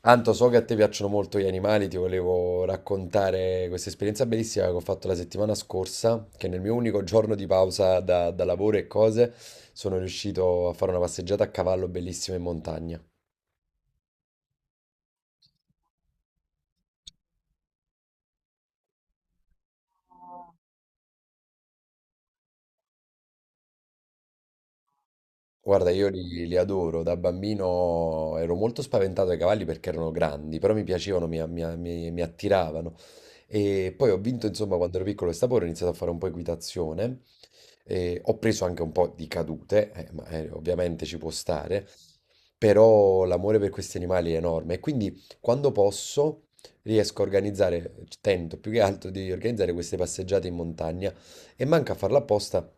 Anto, so che a te piacciono molto gli animali, ti volevo raccontare questa esperienza bellissima che ho fatto la settimana scorsa, che nel mio unico giorno di pausa da lavoro e cose sono riuscito a fare una passeggiata a cavallo bellissima in montagna. Guarda, io li adoro, da bambino ero molto spaventato dai cavalli perché erano grandi, però mi piacevano, mi attiravano. E poi ho vinto, insomma, quando ero piccolo questa porra, ho iniziato a fare un po' equitazione. E ho preso anche un po' di cadute, ma ovviamente ci può stare, però l'amore per questi animali è enorme. E quindi quando posso riesco a organizzare, tento più che altro di organizzare queste passeggiate in montagna e manca a farla apposta.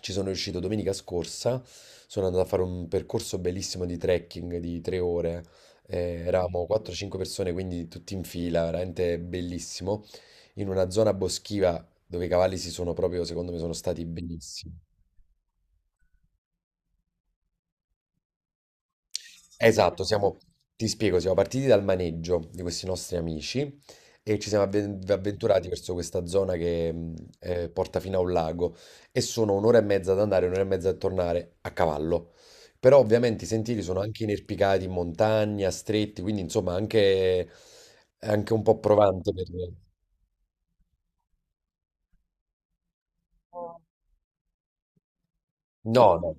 Ci sono riuscito domenica scorsa, sono andato a fare un percorso bellissimo di trekking di 3 ore. Eravamo 4-5 persone, quindi tutti in fila, veramente bellissimo in una zona boschiva dove i cavalli si sono proprio, secondo me, sono stati benissimo. Esatto, siamo, ti spiego, siamo partiti dal maneggio di questi nostri amici e ci siamo avventurati verso questa zona che porta fino a un lago e sono un'ora e mezza ad andare, un'ora e mezza a tornare a cavallo. Però ovviamente i sentieri sono anche inerpicati in montagna, stretti, quindi insomma anche, un po' provante per... No, no.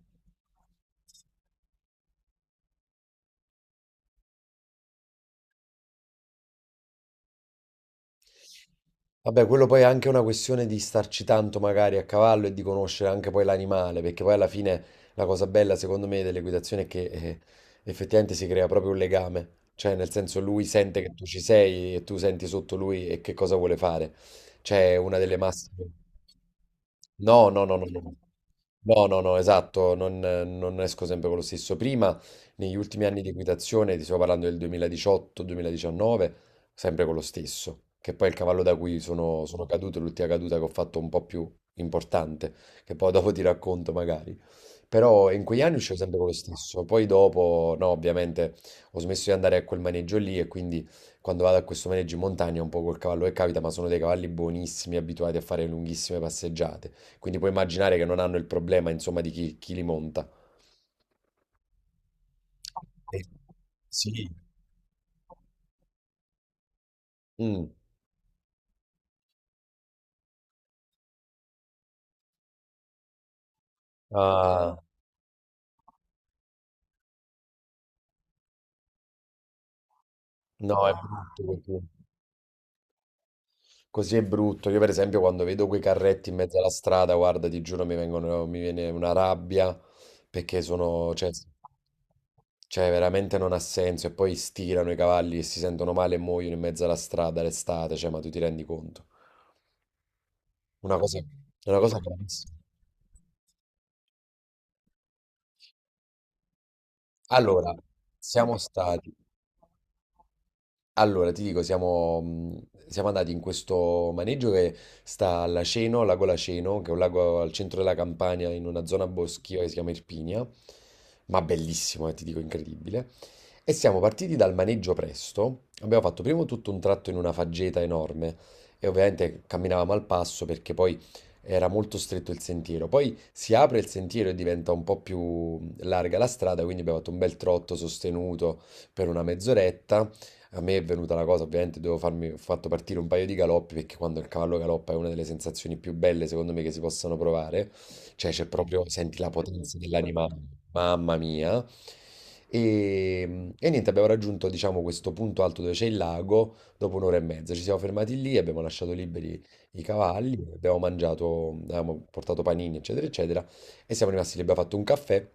Vabbè, quello poi è anche una questione di starci tanto magari a cavallo e di conoscere anche poi l'animale, perché poi alla fine la cosa bella secondo me dell'equitazione è che effettivamente si crea proprio un legame, cioè nel senso lui sente che tu ci sei e tu senti sotto lui e che cosa vuole fare. Cioè una delle massime. No, no, no, no, no. No, no, no, esatto, non esco sempre con lo stesso. Prima, negli ultimi anni di equitazione, ti sto parlando del 2018-2019, sempre con lo stesso, che poi è il cavallo da cui sono caduto, l'ultima caduta che ho fatto un po' più importante, che poi dopo ti racconto magari. Però in quegli anni uscivo sempre con lo stesso, poi dopo, no, ovviamente ho smesso di andare a quel maneggio lì e quindi quando vado a questo maneggio in montagna è un po' col cavallo che capita, ma sono dei cavalli buonissimi, abituati a fare lunghissime passeggiate, quindi puoi immaginare che non hanno il problema, insomma, di chi li monta. Eh, Sì. Mm. Ah, no, è brutto così. Così è brutto. Io, per esempio, quando vedo quei carretti in mezzo alla strada, guarda, ti giuro, mi viene una rabbia perché sono, cioè, veramente non ha senso. E poi stirano i cavalli e si sentono male e muoiono in mezzo alla strada l'estate. Cioè, ma tu ti rendi conto? Una cosa, è una cosa gravissima. Allora, siamo stati. Allora, ti dico, siamo, siamo andati in questo maneggio che sta a Laceno, al lago Laceno, che è un lago al centro della Campania, in una zona boschiva che si chiama Irpinia, ma bellissimo, ti dico, incredibile. E siamo partiti dal maneggio presto, abbiamo fatto prima tutto un tratto in una faggeta enorme e ovviamente camminavamo al passo perché poi era molto stretto il sentiero, poi si apre il sentiero e diventa un po' più larga la strada, quindi abbiamo fatto un bel trotto sostenuto per una mezz'oretta. A me è venuta la cosa, ovviamente devo farmi, ho fatto partire un paio di galoppi perché quando il cavallo galoppa è una delle sensazioni più belle secondo me che si possano provare, cioè c'è proprio, senti la potenza dell'animale, mamma mia. E niente, abbiamo raggiunto diciamo questo punto alto dove c'è il lago dopo un'ora e mezza, ci siamo fermati lì, abbiamo lasciato liberi i cavalli, abbiamo mangiato, abbiamo portato panini eccetera eccetera e siamo rimasti lì, abbiamo fatto un caffè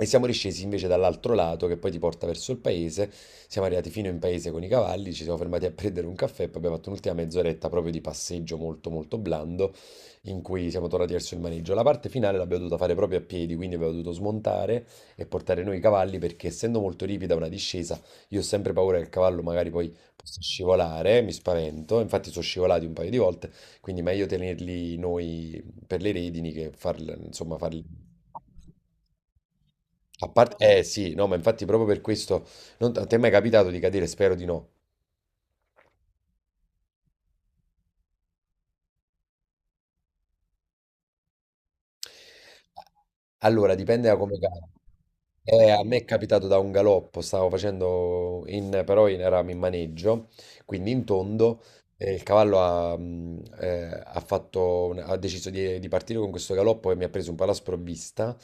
e siamo riscesi invece dall'altro lato che poi ti porta verso il paese. Siamo arrivati fino in paese con i cavalli, ci siamo fermati a prendere un caffè, poi abbiamo fatto un'ultima mezz'oretta proprio di passeggio molto molto blando in cui siamo tornati verso il maneggio. La parte finale l'abbiamo dovuta fare proprio a piedi, quindi abbiamo dovuto smontare e portare noi i cavalli perché essendo molto ripida una discesa, io ho sempre paura che il cavallo magari poi possa scivolare, mi spavento, infatti sono scivolati un paio di volte quindi meglio tenerli noi per le redini che farli, insomma, farli... A parte... Eh sì, no, ma infatti proprio per questo... non- A te è mai capitato di cadere? Spero di no. Allora, dipende da come cade. A me è capitato da un galoppo, stavo facendo in, però in, eravamo in maneggio, quindi in tondo, e il cavallo ha ha deciso di partire con questo galoppo e mi ha preso un po' alla sprovvista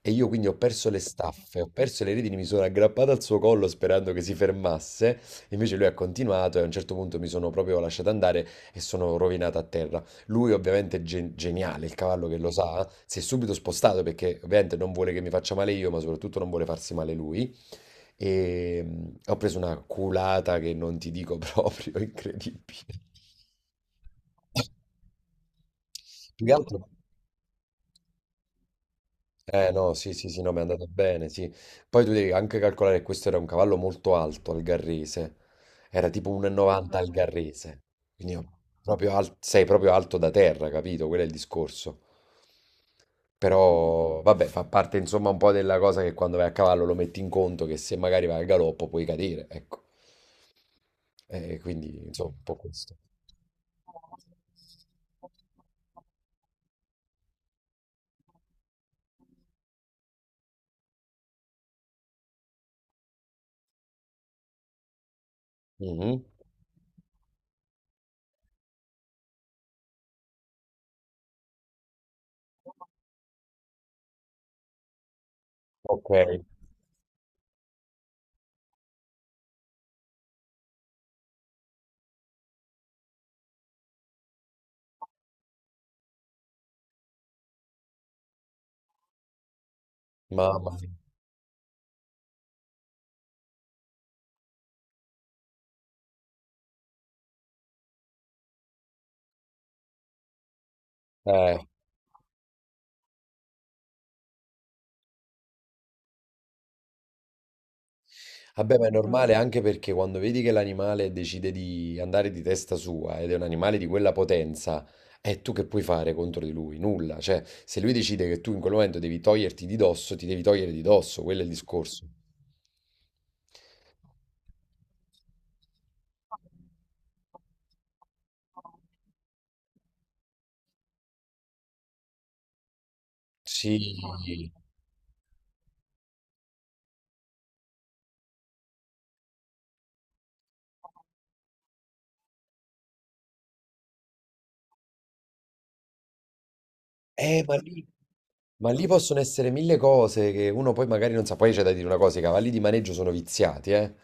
e io quindi ho perso le staffe, ho perso le redini, mi sono aggrappato al suo collo sperando che si fermasse, invece lui ha continuato e a un certo punto mi sono proprio lasciato andare e sono rovinato a terra. Lui ovviamente è geniale, il cavallo che lo sa, si è subito spostato perché ovviamente non vuole che mi faccia male io, ma soprattutto non vuole farsi male lui. E ho preso una culata che non ti dico proprio, incredibile. Più che altro eh no, sì, sì, sì, no, mi è andato bene, sì. Poi tu devi anche calcolare che questo era un cavallo molto alto al Garrese, era tipo 1,90 al Garrese, quindi io proprio al- sei proprio alto da terra, capito? Quello è il discorso. Però vabbè, fa parte insomma un po' della cosa che quando vai a cavallo lo metti in conto che se magari vai al galoppo puoi cadere, ecco. E quindi insomma un po' questo. Mhm. Ok, mamma mia. Eh. Vabbè, ma è normale anche perché quando vedi che l'animale decide di andare di testa sua ed è un animale di quella potenza, è tu che puoi fare contro di lui? Nulla. Cioè, se lui decide che tu in quel momento devi toglierti di dosso, ti devi togliere di dosso, quello è il discorso. Sì. Ma lì possono essere mille cose che uno poi magari non sa. Poi c'è da dire una cosa, i cavalli di maneggio sono viziati, eh.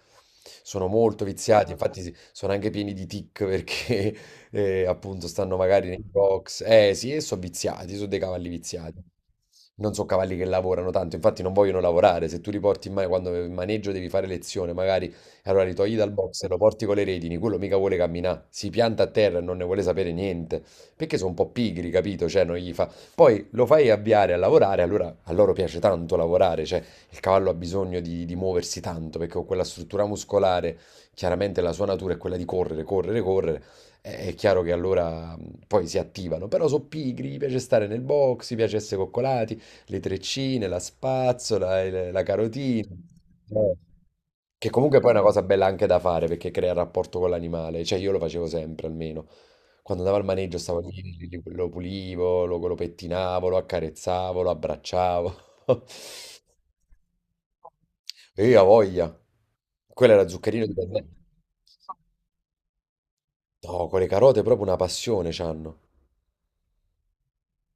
Sono molto viziati, infatti sono anche pieni di tic perché appunto stanno magari nei box. Eh sì, e sono viziati, sono dei cavalli viziati. Non sono cavalli che lavorano tanto, infatti non vogliono lavorare. Se tu li porti quando in maneggio devi fare lezione, magari allora li togli dal box e lo porti con le redini, quello mica vuole camminare, si pianta a terra e non ne vuole sapere niente, perché sono un po' pigri, capito? Cioè non gli fa poi lo fai avviare a lavorare, allora a loro piace tanto lavorare, cioè il cavallo ha bisogno di muoversi tanto perché con quella struttura muscolare, chiaramente la sua natura è quella di correre, correre, correre, è chiaro che allora poi si attivano, però sono pigri, gli piace stare nel box, gli piace essere coccolati, le treccine, la spazzola, il- la carotina. Eh. Che comunque poi è una cosa bella anche da fare perché crea il rapporto con l'animale, cioè io lo facevo sempre almeno. Quando andavo al maneggio stavo lì, lo pulivo, lo pettinavo, lo accarezzavo, lo abbracciavo. E io ho voglia. Quello era zuccherino di per me. No, con le carote proprio una passione c'hanno.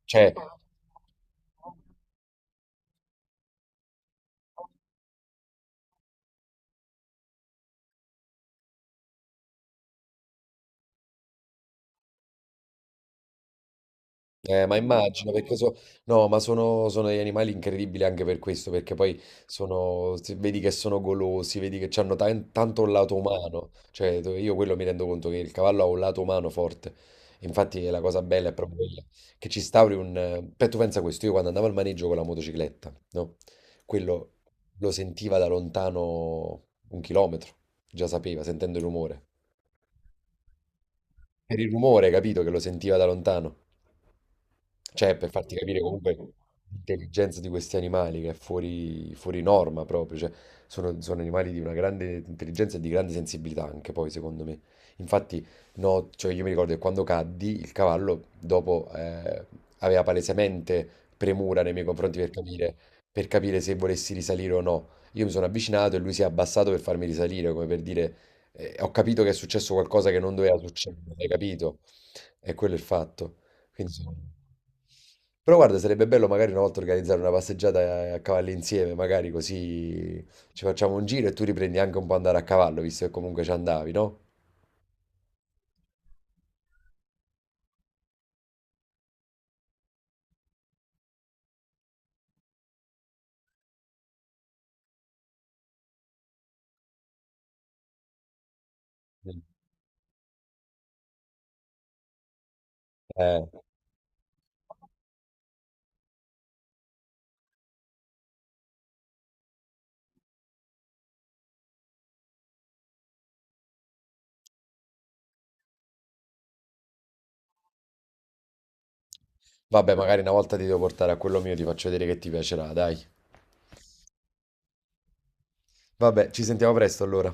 Cioè, eh, ma immagino perché no, ma sono, degli animali incredibili anche per questo, perché poi sono, se vedi che sono golosi, vedi che hanno tanto un lato umano, cioè io quello mi rendo conto che il cavallo ha un lato umano forte, infatti la cosa bella è proprio quella, che ci stauri un... Beh, tu pensa questo, io quando andavo al maneggio con la motocicletta, no? Quello lo sentiva da lontano un chilometro, già sapeva, sentendo il rumore, per il rumore, capito, che lo sentiva da lontano. Cioè, per farti capire comunque l'intelligenza di questi animali che è fuori, fuori norma proprio, cioè, sono, sono animali di una grande intelligenza e di grande sensibilità anche poi, secondo me. Infatti, no, cioè io mi ricordo che quando caddi, il cavallo dopo aveva palesemente premura nei miei confronti per capire se volessi risalire o no. Io mi sono avvicinato e lui si è abbassato per farmi risalire, come per dire, ho capito che è successo qualcosa che non doveva succedere, hai capito? E quello è il fatto. Quindi però guarda, sarebbe bello magari una volta organizzare una passeggiata a cavallo insieme, magari così ci facciamo un giro e tu riprendi anche un po' andare a cavallo, visto che comunque ci andavi, no? Mm. Eh, vabbè, magari una volta ti devo portare a quello mio, ti faccio vedere che ti piacerà, dai. Vabbè, ci sentiamo presto allora.